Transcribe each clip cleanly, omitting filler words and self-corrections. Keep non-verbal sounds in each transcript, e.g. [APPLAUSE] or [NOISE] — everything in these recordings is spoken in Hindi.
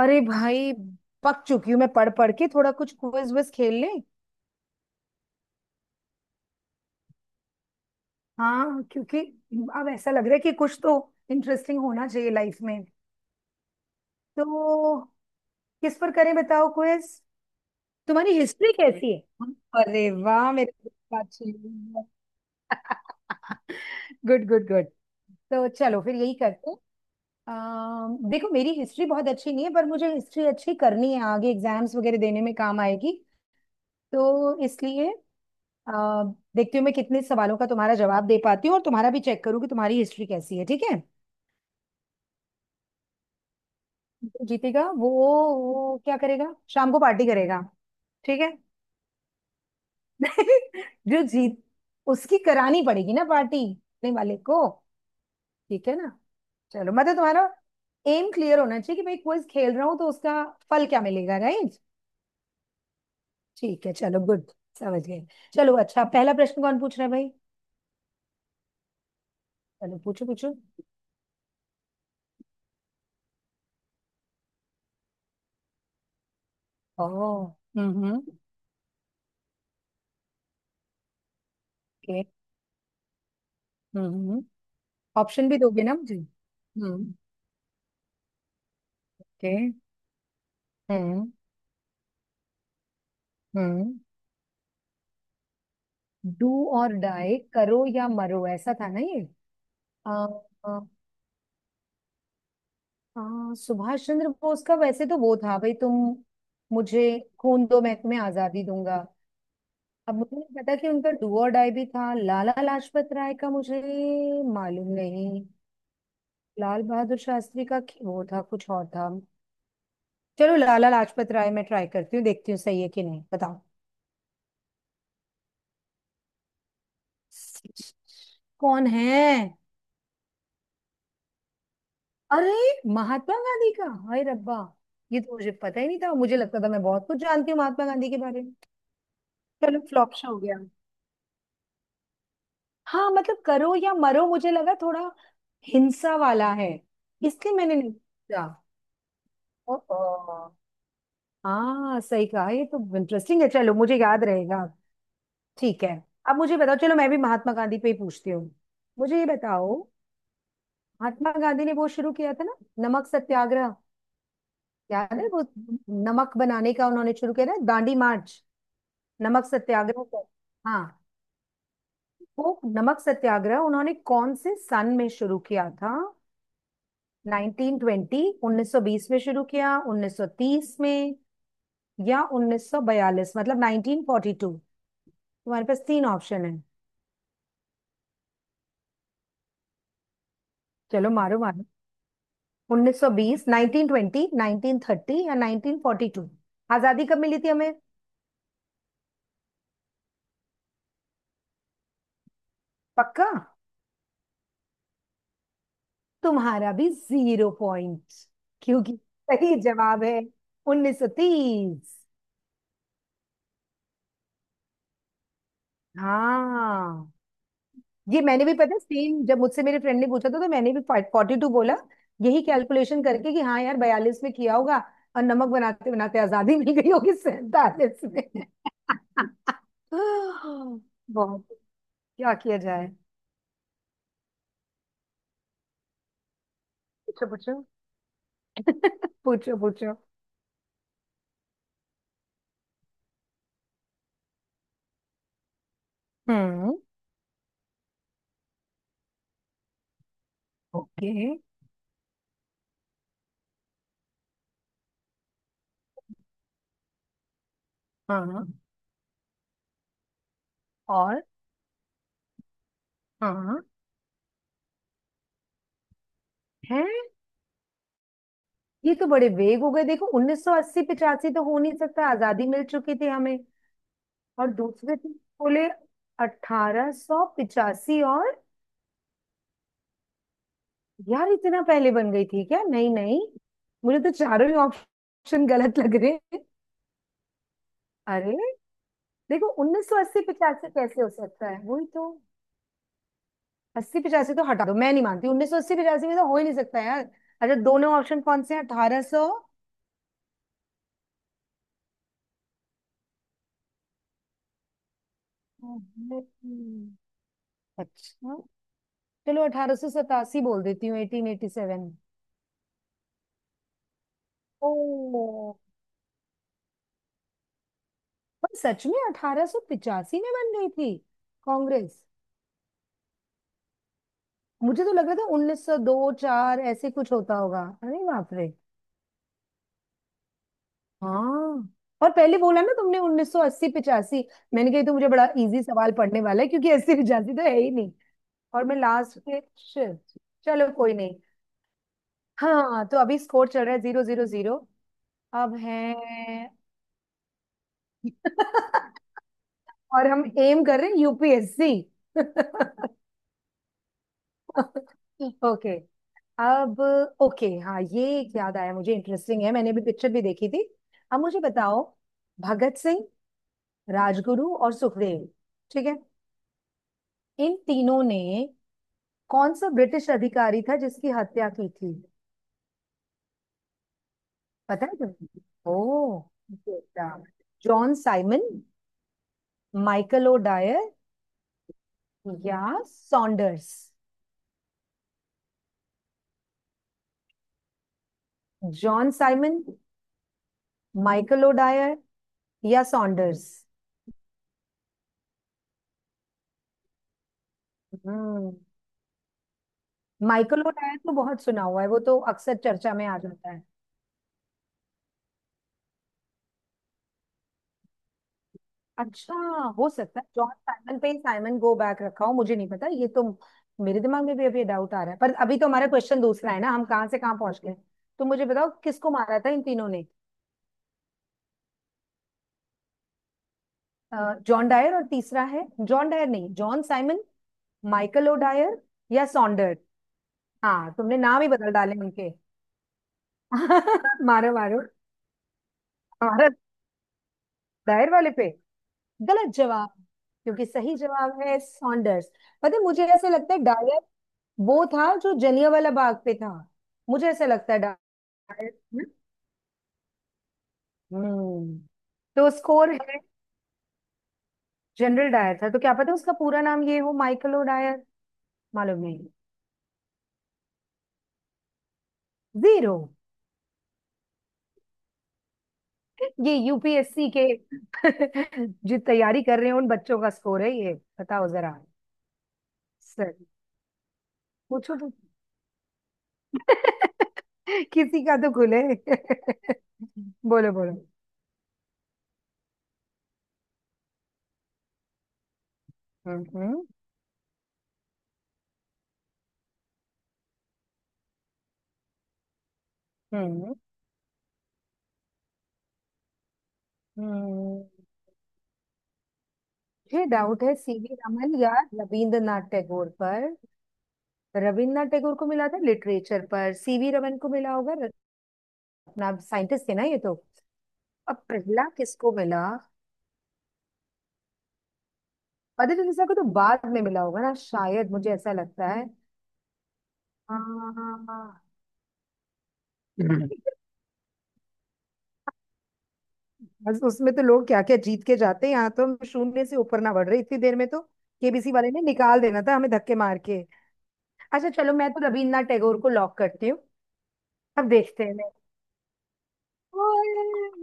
अरे भाई। पक चुकी हूँ मैं पढ़ पढ़ के, थोड़ा कुछ क्विज विज खेल ले। हाँ, क्योंकि अब ऐसा लग रहा है कि कुछ तो इंटरेस्टिंग होना चाहिए लाइफ में। तो किस पर करें बताओ क्विज? तुम्हारी हिस्ट्री कैसी है? अरे वाह, मेरे को तो बात चाहिए। Good good good. [LAUGHS] तो चलो फिर यही करते हैं। देखो, मेरी हिस्ट्री बहुत अच्छी नहीं है, पर मुझे हिस्ट्री अच्छी करनी है। आगे एग्जाम्स वगैरह देने में काम आएगी, तो इसलिए अ, देखती हूँ मैं कितने सवालों का तुम्हारा जवाब दे पाती हूँ, और तुम्हारा भी चेक करूँ कि तुम्हारी हिस्ट्री कैसी है। ठीक है? जो जीतेगा वो क्या करेगा, शाम को पार्टी करेगा। ठीक है। [LAUGHS] जो जीत, उसकी करानी पड़ेगी ना पार्टी, जीतने वाले को। ठीक है ना। चलो मतलब तुम्हारा एम क्लियर होना चाहिए कि भाई क्विज खेल रहा हूँ तो उसका फल क्या मिलेगा, राइट। ठीक है, चलो गुड। समझ गए। चलो अच्छा, पहला प्रश्न कौन पूछ रहा है भाई? चलो पूछो पूछो। ओह, हम्म। ओके, हम्म। ऑप्शन भी दोगे ना मुझे, हम्म। ओके, हम्म हम्म। डू और डाई, करो या मरो, ऐसा था ना ये। आ, आ, आ, सुभाष चंद्र बोस का वैसे तो वो था, भाई तुम मुझे खून दो मैं तुम्हें आजादी दूंगा। अब मुझे नहीं पता कि उनका डू और डाई भी था। लाला लाजपत राय का मुझे मालूम नहीं। लाल बहादुर शास्त्री का वो था कुछ और था। चलो लाला लाजपत राय मैं ट्राई करती हूँ, देखती हूँ सही है कि नहीं, बताओ। कौन है? अरे, महात्मा गांधी का! हाय रब्बा, ये तो मुझे पता ही नहीं था। मुझे लगता था मैं बहुत कुछ जानती हूँ महात्मा गांधी के बारे में। चलो फ्लॉप शो हो गया। हाँ, मतलब करो या मरो, मुझे लगा थोड़ा हिंसा वाला है, इसलिए मैंने नहीं पूछा। ओहो। हाँ सही कहा, ये तो इंटरेस्टिंग है, चलो मुझे याद रहेगा। ठीक है। अब मुझे बताओ, चलो मैं भी महात्मा गांधी पे ही पूछती हूँ। मुझे ये बताओ, महात्मा गांधी ने वो शुरू किया था ना, नमक सत्याग्रह। याद है वो, नमक बनाने का उन्होंने शुरू किया था, दांडी मार्च, नमक सत्याग्रह को। हाँ। वो नमक सत्याग्रह उन्होंने कौन से सन में शुरू किया था? 1920, 1920 में शुरू किया, 1930 में, या 1942, मतलब 1942। तुम्हारे पास तीन ऑप्शन है। चलो मारो मारो। 1920, 1920, 1930 या 1942? आजादी कब मिली थी हमें? पक्का? तुम्हारा भी जीरो पॉइंट, क्योंकि सही जवाब है उन्नीस सौ तीस। हाँ ये मैंने भी, पता सेम, जब मुझसे मेरे फ्रेंड ने पूछा था तो मैंने भी फोर्टी टू बोला। यही कैलकुलेशन करके कि हाँ यार बयालीस में किया होगा, और नमक बनाते बनाते आजादी मिल गई होगी सैतालीस में। [LAUGHS] बहुत। क्या किया जाए। पूछो पूछो। [LAUGHS] पूछो पूछो। हम्म। ओके। हाँ। और हाँ। है? ये तो बड़े वेग हो गए। देखो, 1980 85 तो हो नहीं सकता, आजादी मिल चुकी थी हमें। और दूसरे थे, बोले 1885 और। यार इतना पहले बन गई थी क्या? नहीं नहीं, मुझे तो चारों ही ऑप्शन गलत लग रहे हैं। अरे देखो, 1980 85 कैसे हो सकता है, वही तो। 80 85 तो हटा दो, मैं नहीं मानती 1980 85 में तो हो ही नहीं सकता यार। अच्छा, दोनों ऑप्शन कौन से हैं, 1800? अच्छा, चलो अठारह सौ सतासी बोल देती हूँ, एटीन एटी सेवन। ओ, पर सच में अठारह सौ पिचासी में बन गई थी कांग्रेस? मुझे तो लग रहा था उन्नीस सौ दो चार ऐसे कुछ होता होगा, अरे बाप रे। हाँ। और पहले बोला ना तुमने, उन्नीस सौ अस्सी पिचासी, मैंने कही तो मुझे बड़ा इजी सवाल पढ़ने वाला है क्योंकि अस्सी पिचासी तो है ही नहीं। और मैं लास्ट के शिट, चलो कोई नहीं। हाँ तो अभी स्कोर चल रहा है जीरो जीरो जीरो। अब है। [LAUGHS] और हम एम कर रहे हैं यूपीएससी। ओके। [LAUGHS] अब ओके, हाँ ये एक याद आया मुझे, इंटरेस्टिंग है, मैंने भी पिक्चर भी देखी थी। अब मुझे बताओ, भगत सिंह, राजगुरु और सुखदेव, ठीक है, इन तीनों ने कौन सा ब्रिटिश अधिकारी था जिसकी हत्या की थी? पता है तुम्हें? ओ, John Simon, Michael O'Dwyer, या Saunders. John Simon, Michael O'Dwyer, या सॉन्डर्स। हम्म। माइकल ओ डायर तो बहुत सुना हुआ है, वो तो अक्सर चर्चा में आ जाता है। अच्छा, हो सकता है जॉन साइमन पे ही साइमन गो बैक रखा हो, मुझे नहीं पता ये तो। मेरे दिमाग में भी अभी डाउट आ रहा है, पर अभी तो हमारा क्वेश्चन दूसरा है ना, हम कहाँ से कहाँ पहुंच गए। तो मुझे बताओ, किसको मारा था इन तीनों ने? जॉन डायर, और तीसरा है, जॉन डायर नहीं John Simon, Michael O'Dwyer, या सॉन्डर। हाँ तुमने नाम ही बदल डाले उनके। [LAUGHS] मारो मारो। हमारा दायर वाले पे? गलत जवाब, क्योंकि सही जवाब है सॉन्डर्स। पता है मुझे ऐसे लगता है डायर वो था जो जलियांवाला बाग पे था। मुझे ऐसा लगता है डायर। हम्म। हम्म, तो स्कोर है, जनरल डायर था, तो क्या पता उसका पूरा नाम ये हो, माइकल ओ डायर। मालूम नहीं। जीरो। ये यूपीएससी के [LAUGHS] जो तैयारी कर रहे हैं उन बच्चों का स्कोर है ये। बताओ जरा सर। पूछो तो। [LAUGHS] किसी का तो खुले। [LAUGHS] बोलो बोलो। हम्म। हम्म। हम्म। मुझे डाउट है सीवी रमन या रविंद्रनाथ टैगोर पर। रविंद्रनाथ टैगोर को मिला था लिटरेचर पर, सीवी रमन को मिला होगा, अपना साइंटिस्ट थे ना ये तो। अब पहला किसको मिला? मदर टेरेसा को तो बाद में मिला होगा ना शायद, मुझे ऐसा लगता है। हाँ। [LAUGHS] बस उसमें तो लोग क्या क्या जीत के जाते हैं, यहाँ तो हम शून्य से ऊपर ना बढ़ रहे इतनी देर में तो। केबीसी वाले ने निकाल देना था हमें धक्के मार के। अच्छा चलो, मैं तो रविन्द्रनाथ टैगोर को लॉक करती हूँ। अब देखते हैं मैं।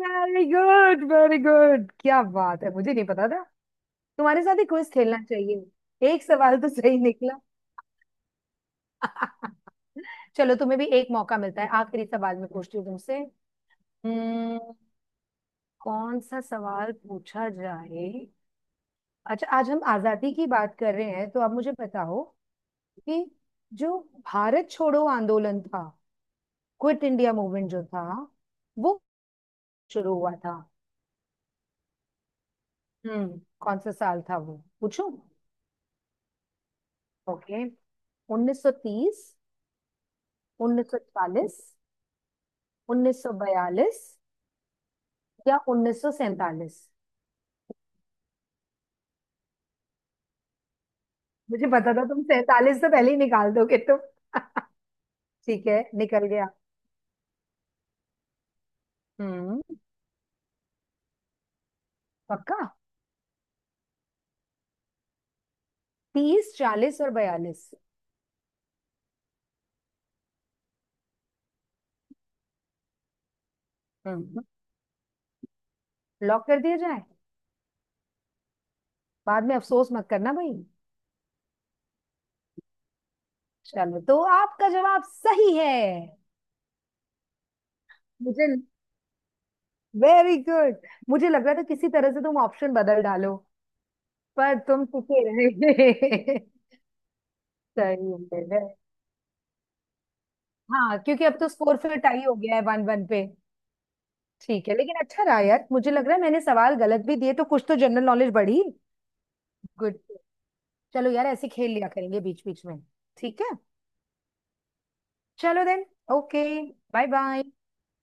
वेरी गुड वेरी गुड, क्या बात है, मुझे नहीं पता था। तुम्हारे साथ ही क्विज खेलना चाहिए, एक सवाल तो सही निकला। [LAUGHS] चलो तुम्हें भी एक मौका मिलता है, आखिरी सवाल मैं पूछती हूँ तुमसे। हम्म, कौन सा सवाल पूछा जाए। अच्छा, आज हम आजादी की बात कर रहे हैं, तो आप मुझे बताओ कि जो भारत छोड़ो आंदोलन था, क्विट इंडिया मूवमेंट जो था, वो शुरू हुआ था, हम्म, कौन सा साल था वो, पूछूं? ओके, 1930, 1940, 1942 या 1947? मुझे पता था तुम 47 तो पहले ही निकाल दोगे तुम। [LAUGHS] ठीक है निकल गया। हम्म। पक्का? तीस, चालीस और बयालीस। हम्म। लॉक कर दिया जाए? बाद में अफसोस मत करना भाई। चलो तो आपका जवाब सही है। मुझे, वेरी गुड। मुझे लग रहा था किसी तरह से तुम ऑप्शन बदल डालो, पर तुम टिके रहे। [LAUGHS] सही है। हाँ क्योंकि अब तो स्कोर फिर टाई हो गया है, वन वन पे। ठीक है, लेकिन अच्छा रहा यार, मुझे लग रहा है मैंने सवाल गलत भी दिए तो कुछ तो जनरल नॉलेज बढ़ी। गुड। चलो यार ऐसे खेल लिया करेंगे बीच बीच में। ठीक है, चलो देन। ओके। Bye bye.